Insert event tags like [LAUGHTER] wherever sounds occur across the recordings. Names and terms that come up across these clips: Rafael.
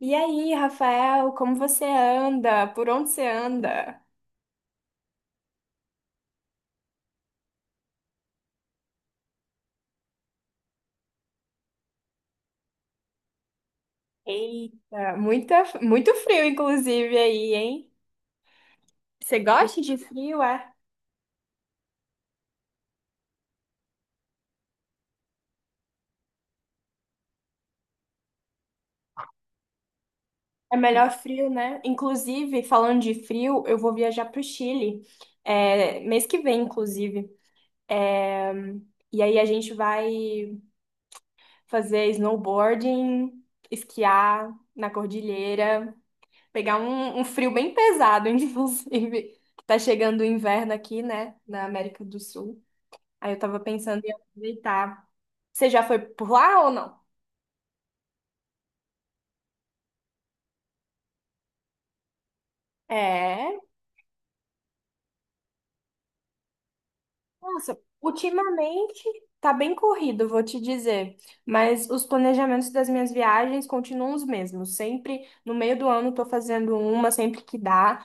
E aí, Rafael, como você anda? Por onde você anda? Eita, muito frio, inclusive, aí, hein? Você gosta de frio, é? É melhor frio, né? Inclusive, falando de frio, eu vou viajar pro Chile, mês que vem, inclusive. É, e aí a gente vai fazer snowboarding, esquiar na cordilheira. Pegar um frio bem pesado, [LAUGHS] inclusive. Tá chegando o inverno aqui, né? Na América do Sul. Aí eu tava pensando em aproveitar. Você já foi por lá ou não? É, nossa, ultimamente tá bem corrido, vou te dizer. Mas os planejamentos das minhas viagens continuam os mesmos. Sempre no meio do ano tô fazendo uma, sempre que dá.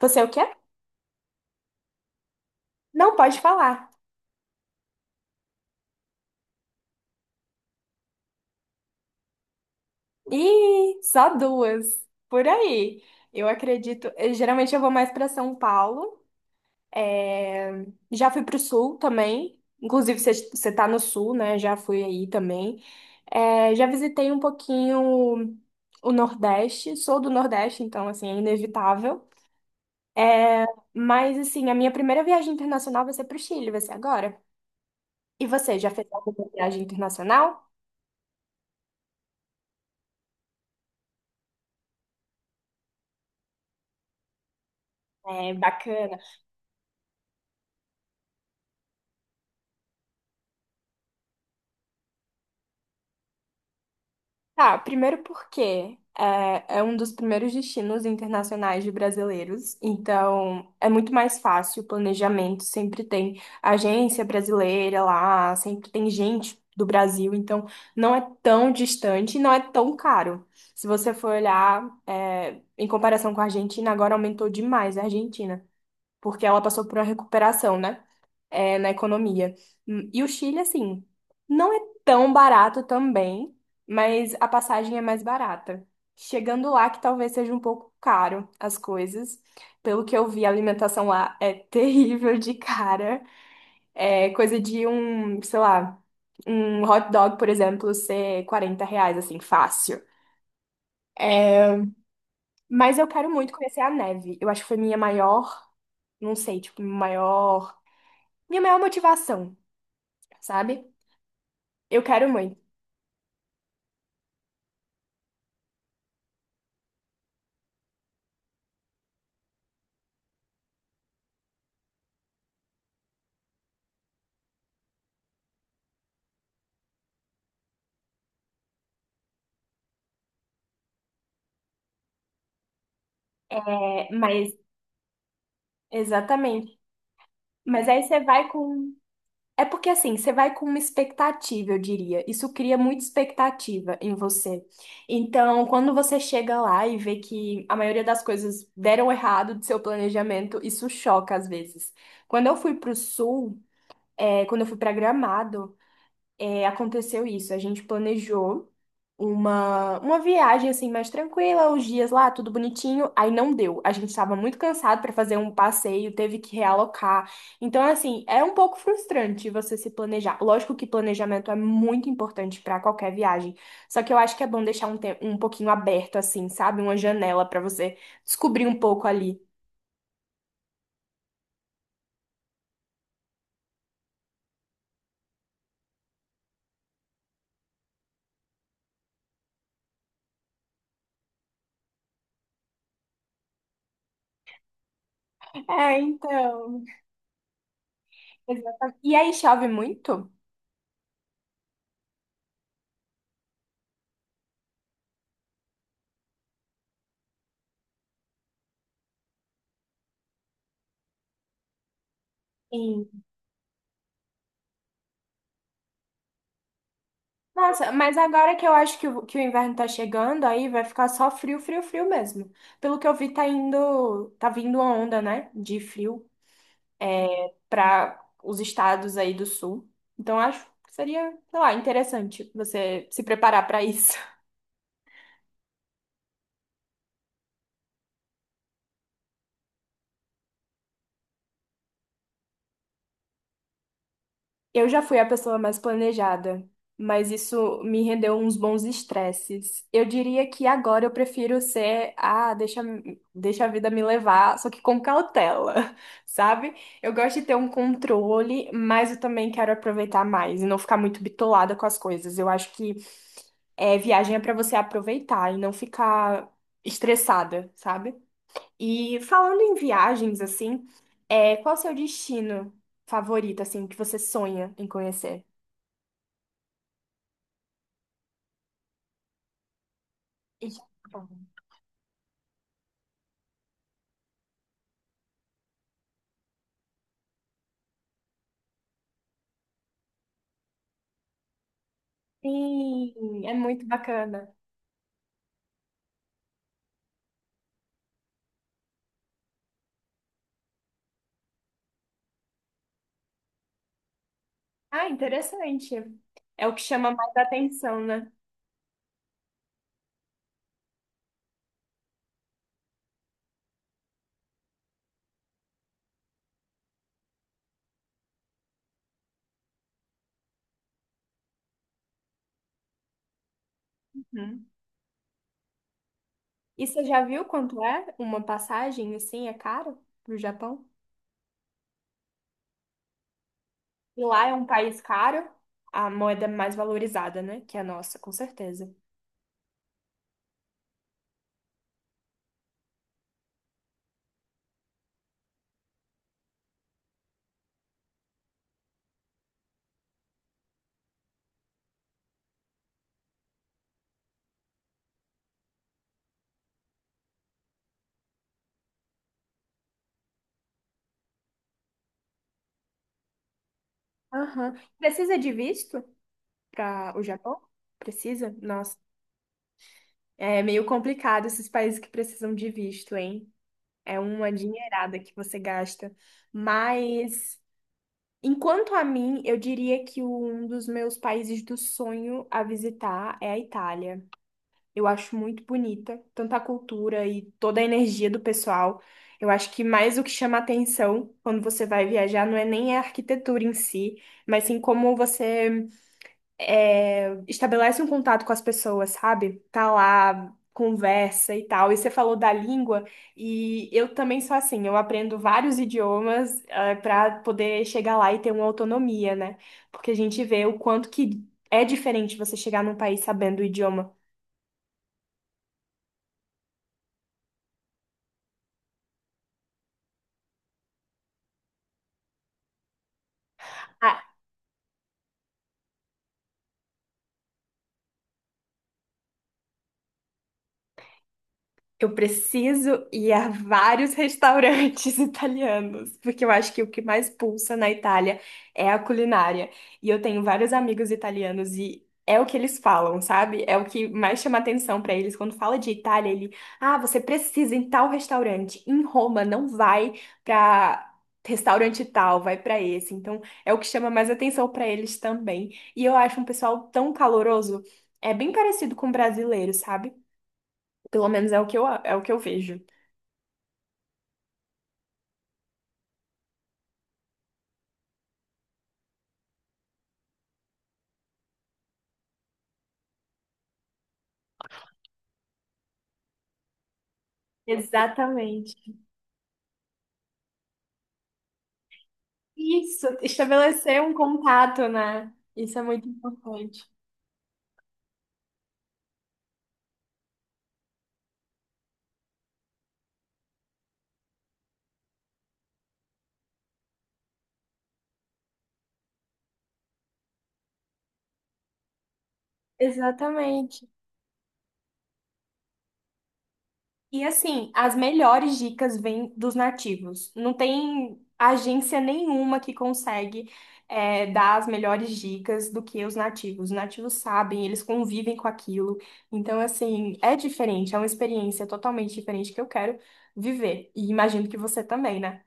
Você é o quê? Não pode falar. Ih, só duas. Por aí. Eu acredito. Geralmente eu vou mais para São Paulo. É, já fui pro sul também. Inclusive, você tá no sul, né? Já fui aí também. É, já visitei um pouquinho o Nordeste. Sou do Nordeste, então, assim, é inevitável. É, mas, assim, a minha primeira viagem internacional vai ser pro Chile, vai ser agora. E você, já fez alguma viagem internacional? É bacana. Tá, primeiro porque é um dos primeiros destinos internacionais de brasileiros, então é muito mais fácil o planejamento, sempre tem agência brasileira lá, sempre tem gente do Brasil, então não é tão distante e não é tão caro. Se você for olhar, é, em comparação com a Argentina, agora aumentou demais a Argentina porque ela passou por uma recuperação, né? É, na economia. E o Chile, assim, não é tão barato também, mas a passagem é mais barata. Chegando lá, que talvez seja um pouco caro as coisas. Pelo que eu vi, a alimentação lá é [LAUGHS] terrível de cara. É coisa de um, sei lá, um hot dog, por exemplo, ser R$ 40, assim, fácil. É, mas eu quero muito conhecer a neve. Eu acho que foi minha maior, não sei, tipo, maior, minha maior motivação, sabe? Eu quero muito. É, mas, exatamente. Mas aí você vai com. É porque assim, você vai com uma expectativa, eu diria. Isso cria muita expectativa em você. Então, quando você chega lá e vê que a maioria das coisas deram errado do seu planejamento, isso choca às vezes. Quando eu fui pro sul, é, quando eu fui pra Gramado, é, aconteceu isso. A gente planejou uma viagem assim mais tranquila, os dias lá, tudo bonitinho. Aí não deu. A gente estava muito cansado para fazer um passeio, teve que realocar. Então, assim, é um pouco frustrante você se planejar. Lógico que planejamento é muito importante para qualquer viagem. Só que eu acho que é bom deixar um, um pouquinho aberto, assim, sabe? Uma janela para você descobrir um pouco ali. É, então. Exatamente. E aí chove muito? Nossa, mas agora que eu acho que o inverno tá chegando, aí vai ficar só frio, frio, frio mesmo. Pelo que eu vi, tá indo, tá vindo uma onda, né, de frio para os estados aí do sul. Então acho que seria, sei lá, interessante você se preparar para isso. Eu já fui a pessoa mais planejada, mas isso me rendeu uns bons estresses. Eu diria que agora eu prefiro ser, ah, deixa, deixa a vida me levar, só que com cautela, [LAUGHS] sabe? Eu gosto de ter um controle, mas eu também quero aproveitar mais e não ficar muito bitolada com as coisas. Eu acho que é, viagem é para você aproveitar e não ficar estressada, sabe? E falando em viagens, assim, é, qual o seu destino favorito, assim, que você sonha em conhecer? Japão. Sim, é muito bacana. Ah, interessante. É o que chama mais atenção, né? Uhum. E você já viu quanto é uma passagem, assim, é caro pro Japão? E lá é um país caro, a moeda mais valorizada, né? Que é a nossa, com certeza. Aham. Precisa de visto para o Japão? Precisa? Nossa. É meio complicado esses países que precisam de visto, hein? É uma dinheirada que você gasta. Mas, enquanto a mim, eu diria que um dos meus países do sonho a visitar é a Itália. Eu acho muito bonita, tanto a cultura e toda a energia do pessoal. Eu acho que mais o que chama atenção quando você vai viajar não é nem a arquitetura em si, mas sim como você é, estabelece um contato com as pessoas, sabe? Tá lá, conversa e tal. E você falou da língua, e eu também sou assim, eu aprendo vários idiomas, para poder chegar lá e ter uma autonomia, né? Porque a gente vê o quanto que é diferente você chegar num país sabendo o idioma. Ah, eu preciso ir a vários [LAUGHS] restaurantes italianos, porque eu acho que o que mais pulsa na Itália é a culinária. E eu tenho vários amigos italianos e é o que eles falam, sabe? É o que mais chama atenção pra eles quando fala de Itália, ele, ah, você precisa ir em tal restaurante. Em Roma não vai pra restaurante tal, vai pra esse. Então, é o que chama mais atenção pra eles também. E eu acho um pessoal tão caloroso, é bem parecido com o brasileiro, sabe? Pelo menos é o que eu vejo. Exatamente. Isso, estabelecer um contato, né? Isso é muito importante. Exatamente. E assim, as melhores dicas vêm dos nativos. Não tem agência nenhuma que consegue é, dar as melhores dicas do que os nativos. Os nativos sabem, eles convivem com aquilo. Então, assim, é diferente, é uma experiência totalmente diferente que eu quero viver. E imagino que você também, né?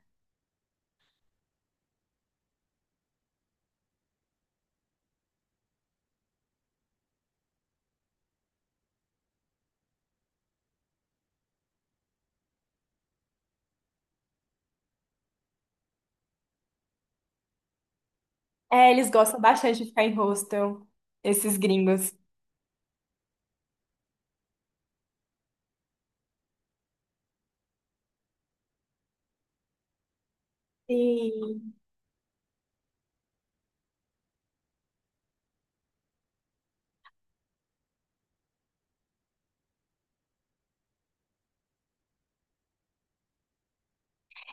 É, eles gostam bastante de ficar em hostel, esses gringos. Sim,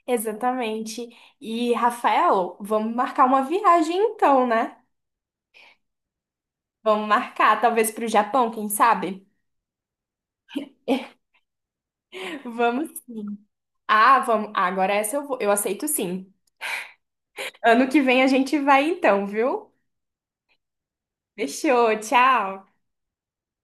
exatamente. E, Rafael, vamos marcar uma viagem então, né? Vamos marcar, talvez para o Japão, quem sabe? [LAUGHS] Vamos sim. Ah, vamos. Ah, agora essa eu vou. Eu aceito sim. Ano que vem a gente vai então, viu? Fechou, tchau.